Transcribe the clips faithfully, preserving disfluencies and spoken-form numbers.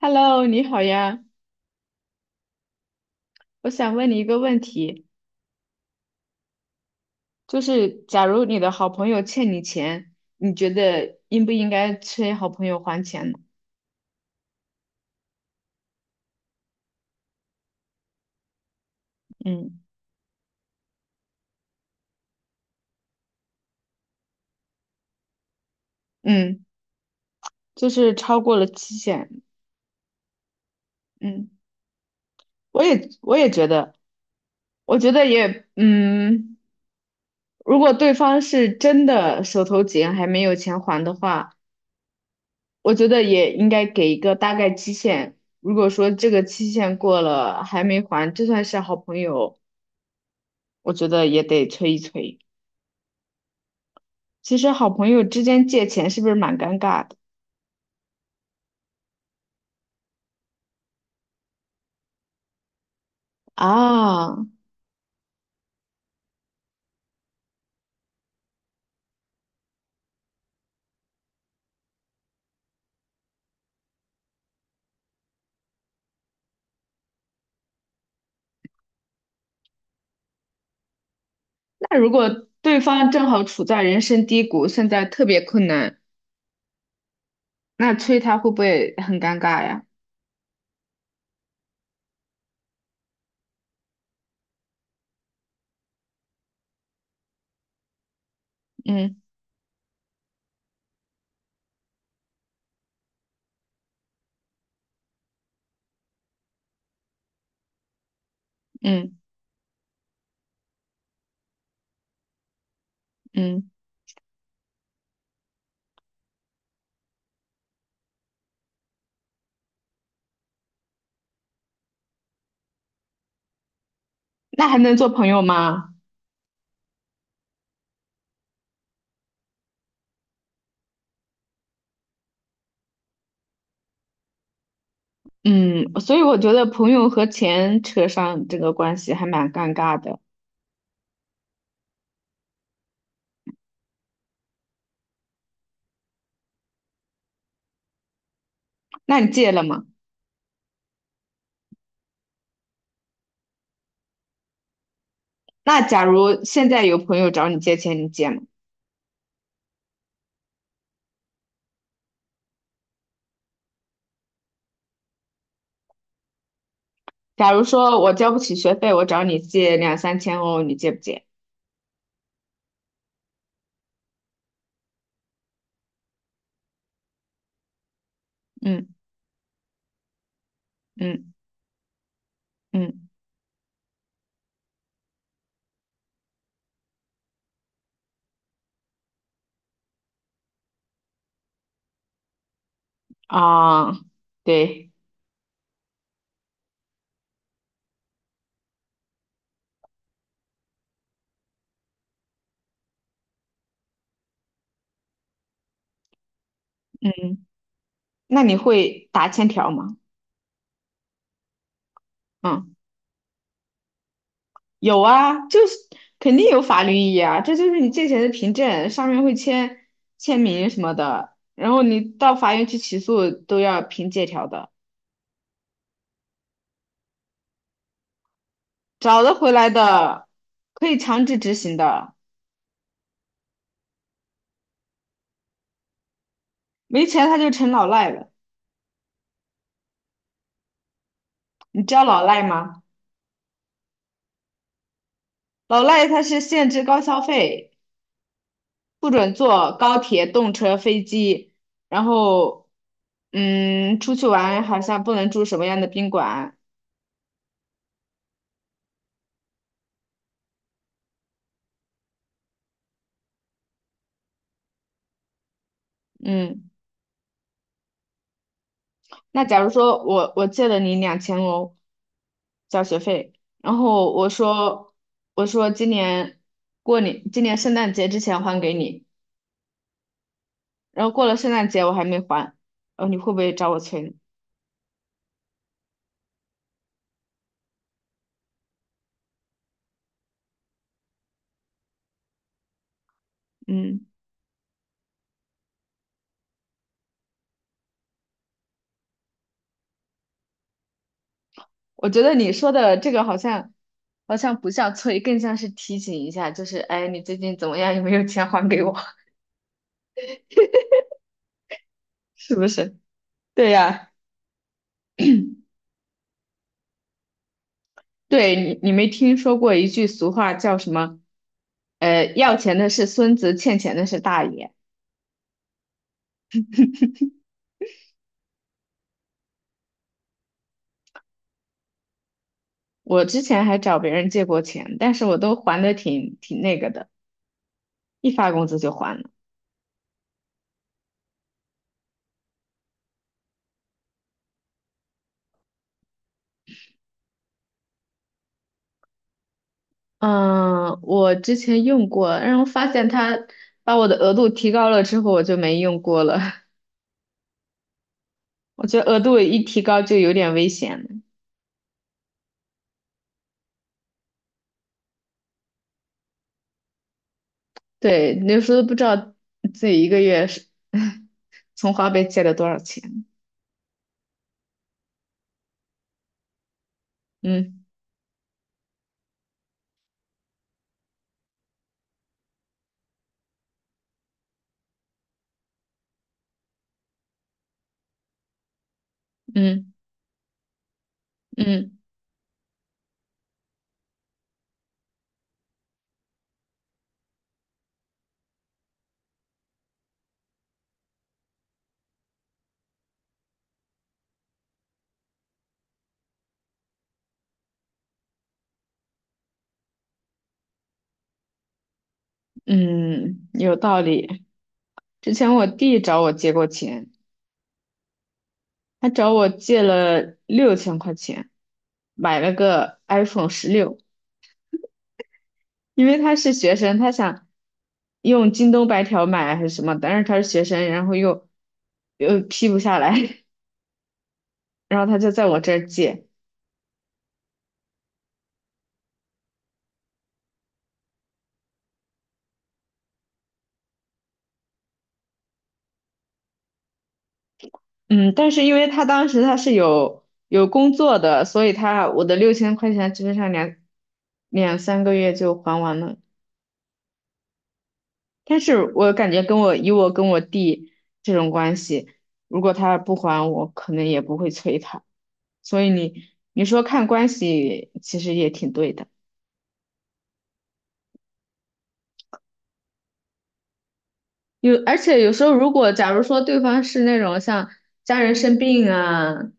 Hello，你好呀。我想问你一个问题，就是假如你的好朋友欠你钱，你觉得应不应该催好朋友还钱呢？嗯嗯。就是超过了期限。嗯。我也我也觉得，我觉得也嗯，如果对方是真的手头紧还没有钱还的话，我觉得也应该给一个大概期限。如果说这个期限过了还没还，就算是好朋友，我觉得也得催一催。其实好朋友之间借钱是不是蛮尴尬的？啊。那如果对方正好处在人生低谷，现在特别困难，那催他会不会很尴尬呀？嗯嗯嗯。那还能做朋友吗？嗯，所以我觉得朋友和钱扯上这个关系还蛮尴尬的。那你借了吗？那假如现在有朋友找你借钱，你借吗？假如说我交不起学费，我找你借两三千欧，你借不借？嗯嗯嗯。啊，对。嗯，那你会打欠条吗？嗯，有啊，就是肯定有法律意义啊，这就是你借钱的凭证，上面会签签名什么的，然后你到法院去起诉都要凭借条的。找得回来的，可以强制执行的。没钱他就成老赖了。你知道老赖吗？老赖他是限制高消费，不准坐高铁、动车、飞机，然后，嗯，出去玩好像不能住什么样的宾馆。嗯，那假如说我我借了你两千欧交学费，然后我说我说今年过年今年圣诞节之前还给你，然后过了圣诞节我还没还，然后你会不会找我催呢？嗯，我觉得你说的这个好像好像不像催，更像是提醒一下，就是哎，你最近怎么样？有没有钱还给我？是不是？对呀。对你，你没听说过一句俗话叫什么？呃，要钱的是孙子，欠钱的是大爷。我之前还找别人借过钱，但是我都还的挺挺那个的，一发工资就还了。嗯，我之前用过，然后发现他把我的额度提高了之后，我就没用过了。我觉得额度一提高就有点危险了。对，那时候都不知道自己一个月是 从花呗借了多少钱。嗯嗯。嗯嗯，有道理。之前我弟找我借过钱，他找我借了六千块钱，买了个 iPhone 十六，因为他是学生，他想用京东白条买还是什么，但是他是学生，然后又又批不下来，然后他就在我这儿借。嗯，但是因为他当时他是有有工作的，所以他我的六千块钱基本上两两三个月就还完了。但是我感觉跟我以我跟我弟这种关系，如果他不还我，可能也不会催他。所以你你说看关系，其实也挺对的。有，而且有时候如果假如说对方是那种像家人生病啊，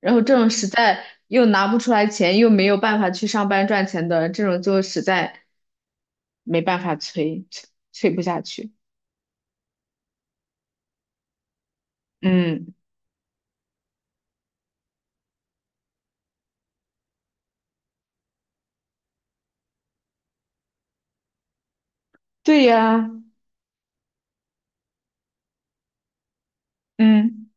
然后这种实在又拿不出来钱，又没有办法去上班赚钱的，这种就实在没办法催，催催不下去。嗯，对呀，嗯。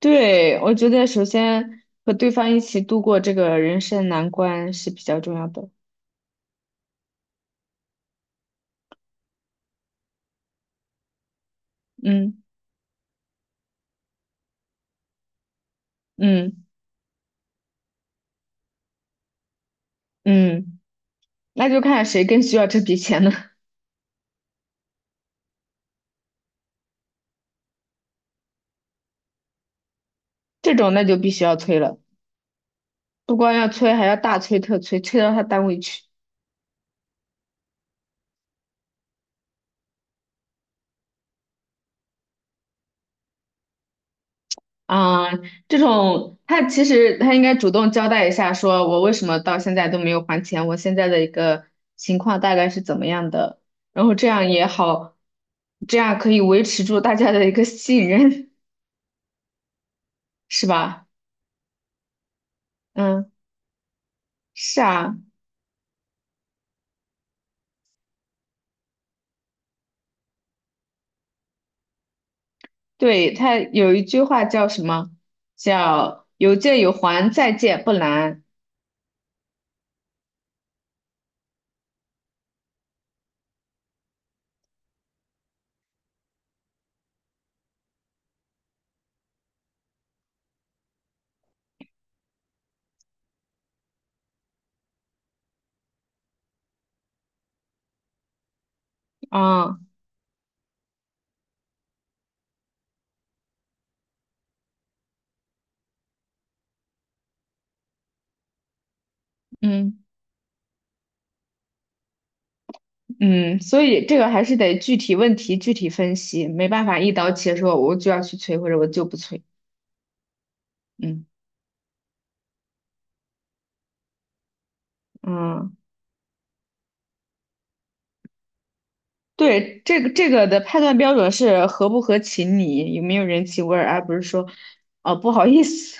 对，我觉得首先和对方一起度过这个人生难关是比较重要的。嗯嗯嗯，那就看谁更需要这笔钱了。这种那就必须要催了，不光要催，还要大催特催，催到他单位去。啊，这种他其实他应该主动交代一下，说我为什么到现在都没有还钱，我现在的一个情况大概是怎么样的，然后这样也好，这样可以维持住大家的一个信任。是吧？嗯。是啊。对，他有一句话叫什么？叫"有借有还，再借不难"。啊，嗯嗯，所以这个还是得具体问题具体分析，没办法一刀切说我就要去催或者我就不催。嗯嗯。对，这个这个的判断标准是合不合情理，有没有人情味儿，而不是说哦不好意思。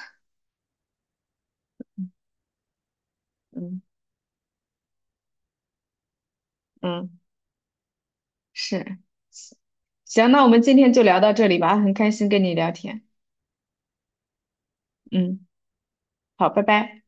嗯嗯，是。行，那我们今天就聊到这里吧。很开心跟你聊天。嗯，好，拜拜。